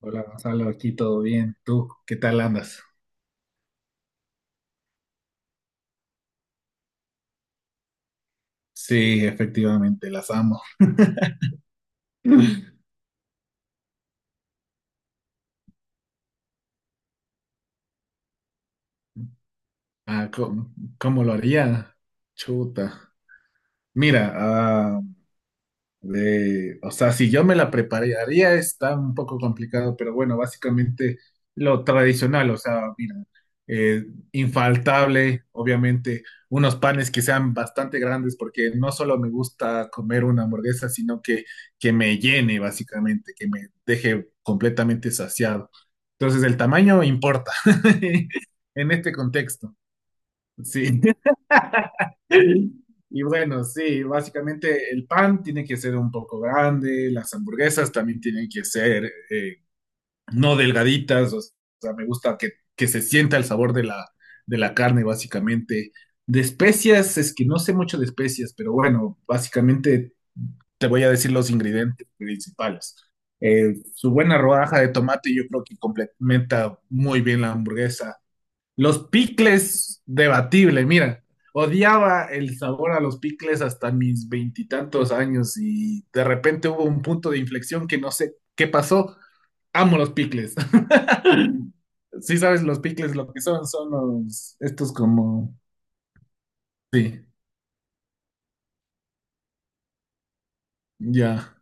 Hola Gonzalo, aquí todo bien. ¿Tú qué tal andas? Sí, efectivamente, las amo. ¿Cómo, cómo lo haría? Chuta. Mira, si yo me la prepararía está un poco complicado, pero bueno, básicamente lo tradicional, o sea, mira, eh, infaltable, obviamente, unos panes que sean bastante grandes, porque no solo me gusta comer una hamburguesa, sino que me llene, básicamente, que me deje completamente saciado. Entonces, el tamaño importa en este contexto, sí. Y bueno, sí, básicamente el pan tiene que ser un poco grande, las hamburguesas también tienen que ser no delgaditas, o sea, me gusta que se sienta el sabor de la carne, básicamente. De especias, es que no sé mucho de especias, pero bueno, básicamente te voy a decir los ingredientes principales. Su buena rodaja de tomate yo creo que complementa muy bien la hamburguesa, los picles, debatible, mira. Odiaba el sabor a los picles hasta mis veintitantos años y de repente hubo un punto de inflexión que no sé qué pasó. Amo los picles. Sí sabes los picles lo que son, son los, estos como, sí, ya.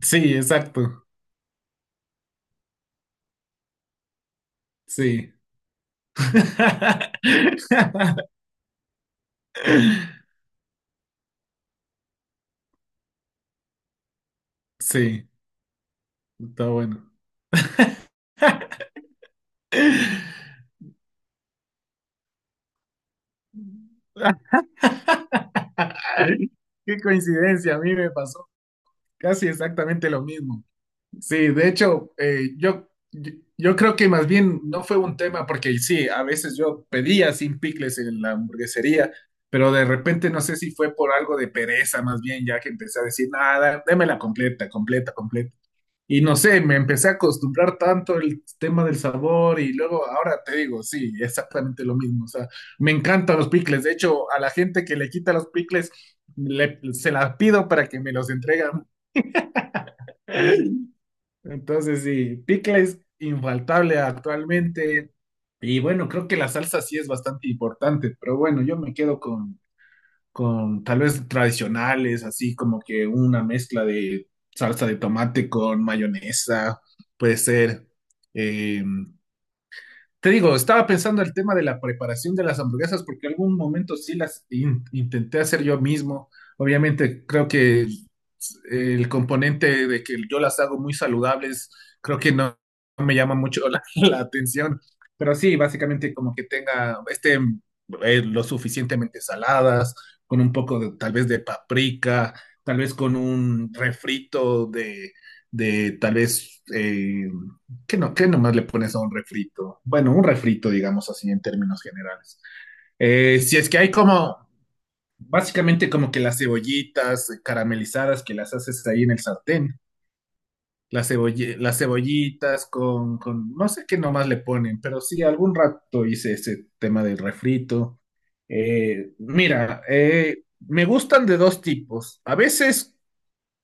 Sí, exacto. Sí. Sí, está bueno. Qué coincidencia, a mí me pasó casi exactamente lo mismo. Sí, de hecho, yo creo que más bien no fue un tema porque sí, a veces yo pedía sin picles en la hamburguesería, pero de repente no sé si fue por algo de pereza más bien, ya que empecé a decir, nada, démela completa, completa, completa. Y no sé, me empecé a acostumbrar tanto el tema del sabor y luego ahora te digo, sí, exactamente lo mismo. O sea, me encantan los picles. De hecho, a la gente que le quita los picles, se las pido para que me los entregan. Entonces, sí, picles infaltable actualmente. Y bueno, creo que la salsa sí es bastante importante, pero bueno, yo me quedo con tal vez tradicionales, así como que una mezcla de salsa de tomate con mayonesa, puede ser. eh, Te digo, estaba pensando el tema de la preparación de las hamburguesas porque algún momento sí las intenté hacer yo mismo. Obviamente creo que el componente de que yo las hago muy saludables, creo que no me llama mucho la, la atención. Pero sí, básicamente como que tenga, estén lo suficientemente saladas, con un poco de- tal vez de paprika, tal vez con un refrito de tal vez... ¿Qué no, qué nomás le pones a un refrito? Bueno, un refrito, digamos así, en términos generales. Si es que hay como, básicamente como que las cebollitas caramelizadas que las haces ahí en el sartén, las, las cebollitas con, no sé qué nomás le ponen, pero sí, algún rato hice ese tema del refrito. Mira, me gustan de dos tipos. A veces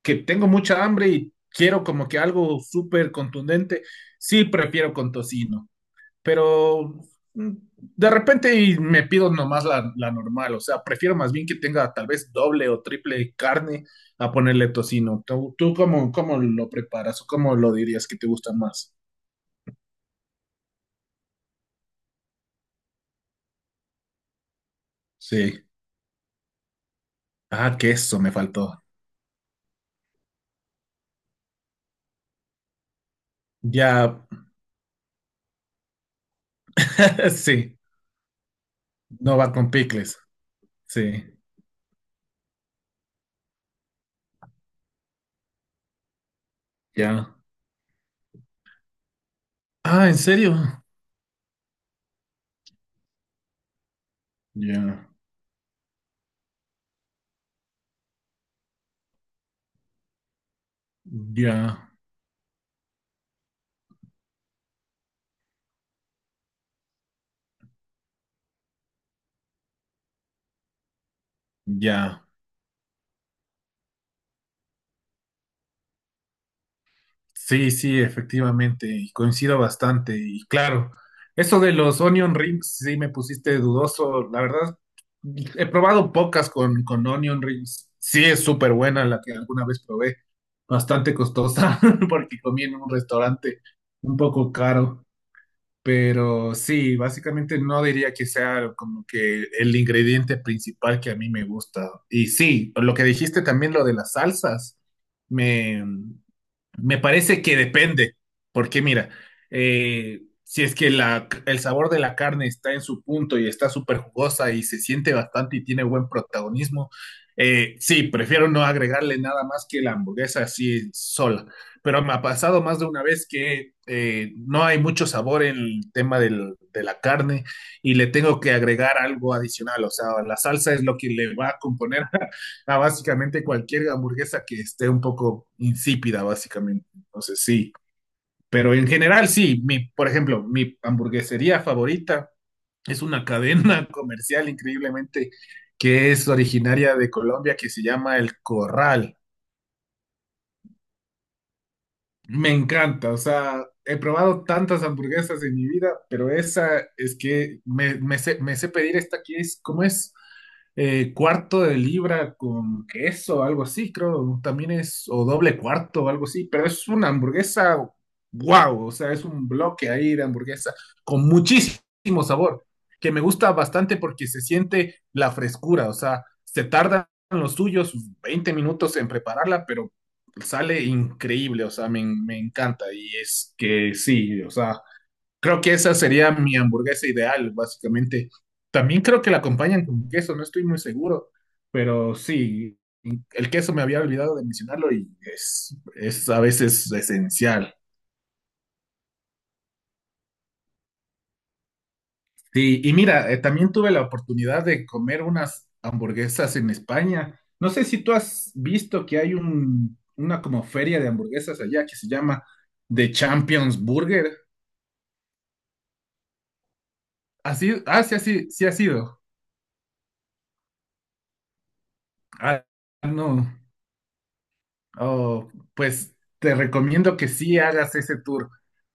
que tengo mucha hambre y quiero como que algo súper contundente, sí prefiero con tocino, pero mm, de repente y me pido nomás la, la normal, o sea, prefiero más bien que tenga tal vez doble o triple carne a ponerle tocino. ¿Tú, tú cómo, cómo lo preparas o cómo lo dirías que te gusta más? Sí. Ah, queso me faltó. Ya, sí, no va con picles. Sí, ya. Ah, ¿en serio? Ya, ya, ya. Sí, sí, efectivamente, y coincido bastante. Y claro, eso de los onion rings, sí me pusiste dudoso. La verdad, he probado pocas con onion rings. Sí, es súper buena la que alguna vez probé. Bastante costosa, porque comí en un restaurante un poco caro. Pero sí, básicamente no diría que sea como que el ingrediente principal que a mí me gusta. Y sí, lo que dijiste también, lo de las salsas. Me, me parece que depende, porque mira, si es que el sabor de la carne está en su punto y está súper jugosa y se siente bastante y tiene buen protagonismo, sí, prefiero no agregarle nada más que la hamburguesa así sola. Pero me ha pasado más de una vez que no hay mucho sabor en el tema de la carne y le tengo que agregar algo adicional, o sea, la salsa es lo que le va a componer a básicamente cualquier hamburguesa que esté un poco insípida, básicamente. Entonces, sí. Pero en general, sí. Mi, por ejemplo, mi hamburguesería favorita es una cadena comercial increíblemente que es originaria de Colombia que se llama El Corral. Me encanta, o sea, he probado tantas hamburguesas en mi vida, pero esa es que me, me sé pedir esta que es, ¿cómo es? Cuarto de libra con queso, algo así, creo, también es, o doble cuarto, algo así, pero es una hamburguesa, wow, o sea, es un bloque ahí de hamburguesa con muchísimo sabor, que me gusta bastante porque se siente la frescura, o sea, se tardan los suyos 20 minutos en prepararla, pero sale increíble, o sea, me encanta. Y es que sí, o sea, creo que esa sería mi hamburguesa ideal, básicamente. También creo que la acompañan con queso, no estoy muy seguro, pero sí, el queso me había olvidado de mencionarlo y es a veces esencial. Sí, y mira, también tuve la oportunidad de comer unas hamburguesas en España. No sé si tú has visto que hay un, una como feria de hamburguesas allá que se llama The Champions Burger. Así, ah, sí, así, sí ha sido. Ah, no. Oh, pues te recomiendo que sí hagas ese tour,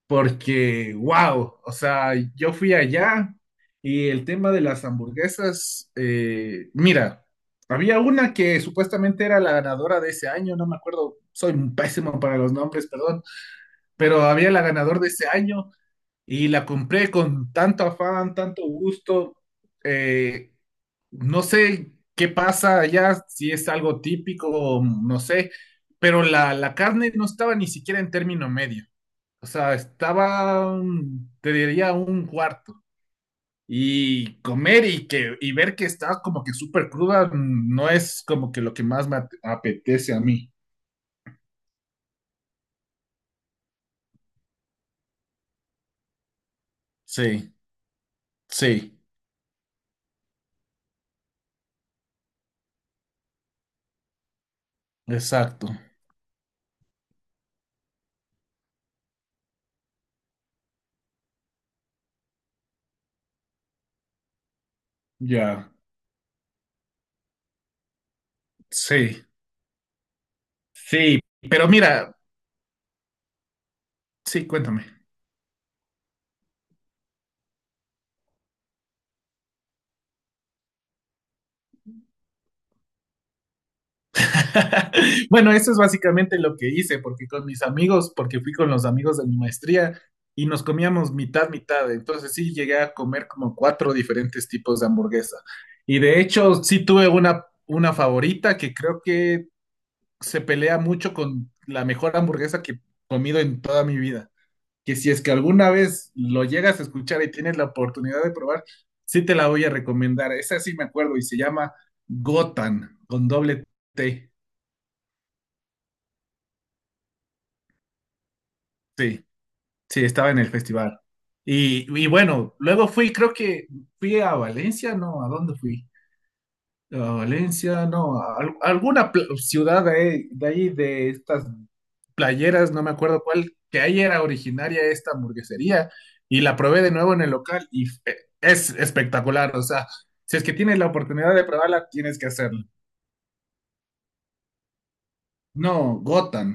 porque, wow, o sea, yo fui allá y el tema de las hamburguesas, mira, había una que supuestamente era la ganadora de ese año, no me acuerdo, soy pésimo para los nombres, perdón, pero había la ganadora de ese año. Y la compré con tanto afán, tanto gusto. eh, no sé qué pasa allá, si es algo típico, o no sé, pero la carne no estaba ni siquiera en término medio. O sea, estaba, te diría, un cuarto. Y comer y, que, y ver que está como que súper cruda, no es como que lo que más me apetece a mí. Sí, sí, exacto. Ya, sí, sí. Pero mira, sí, cuéntame. Bueno, eso es básicamente lo que hice, porque con mis amigos, porque fui con los amigos de mi maestría y nos comíamos mitad, mitad. Entonces sí llegué a comer como cuatro diferentes tipos de hamburguesa. Y de hecho sí tuve una favorita que creo que se pelea mucho con la mejor hamburguesa que he comido en toda mi vida. Que si es que alguna vez lo llegas a escuchar y tienes la oportunidad de probar, sí te la voy a recomendar. Esa sí me acuerdo y se llama Gotan con doble T. Sí. Sí, estaba en el festival. Y bueno, luego fui, creo que fui a Valencia, ¿no? ¿A dónde fui? A Valencia, no, a alguna ciudad de, ahí, de ahí, de estas playeras, no me acuerdo cuál, que ahí era originaria esta hamburguesería y la probé de nuevo en el local y es espectacular, o sea, si es que tienes la oportunidad de probarla, tienes que hacerlo. No, Gotham.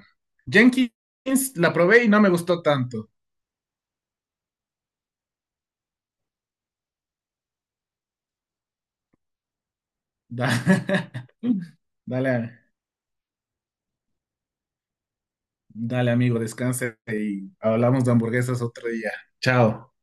Jenkins la probé y no me gustó tanto. Da- Dale. Dale, amigo, descanse y hablamos de hamburguesas otro día. Chao.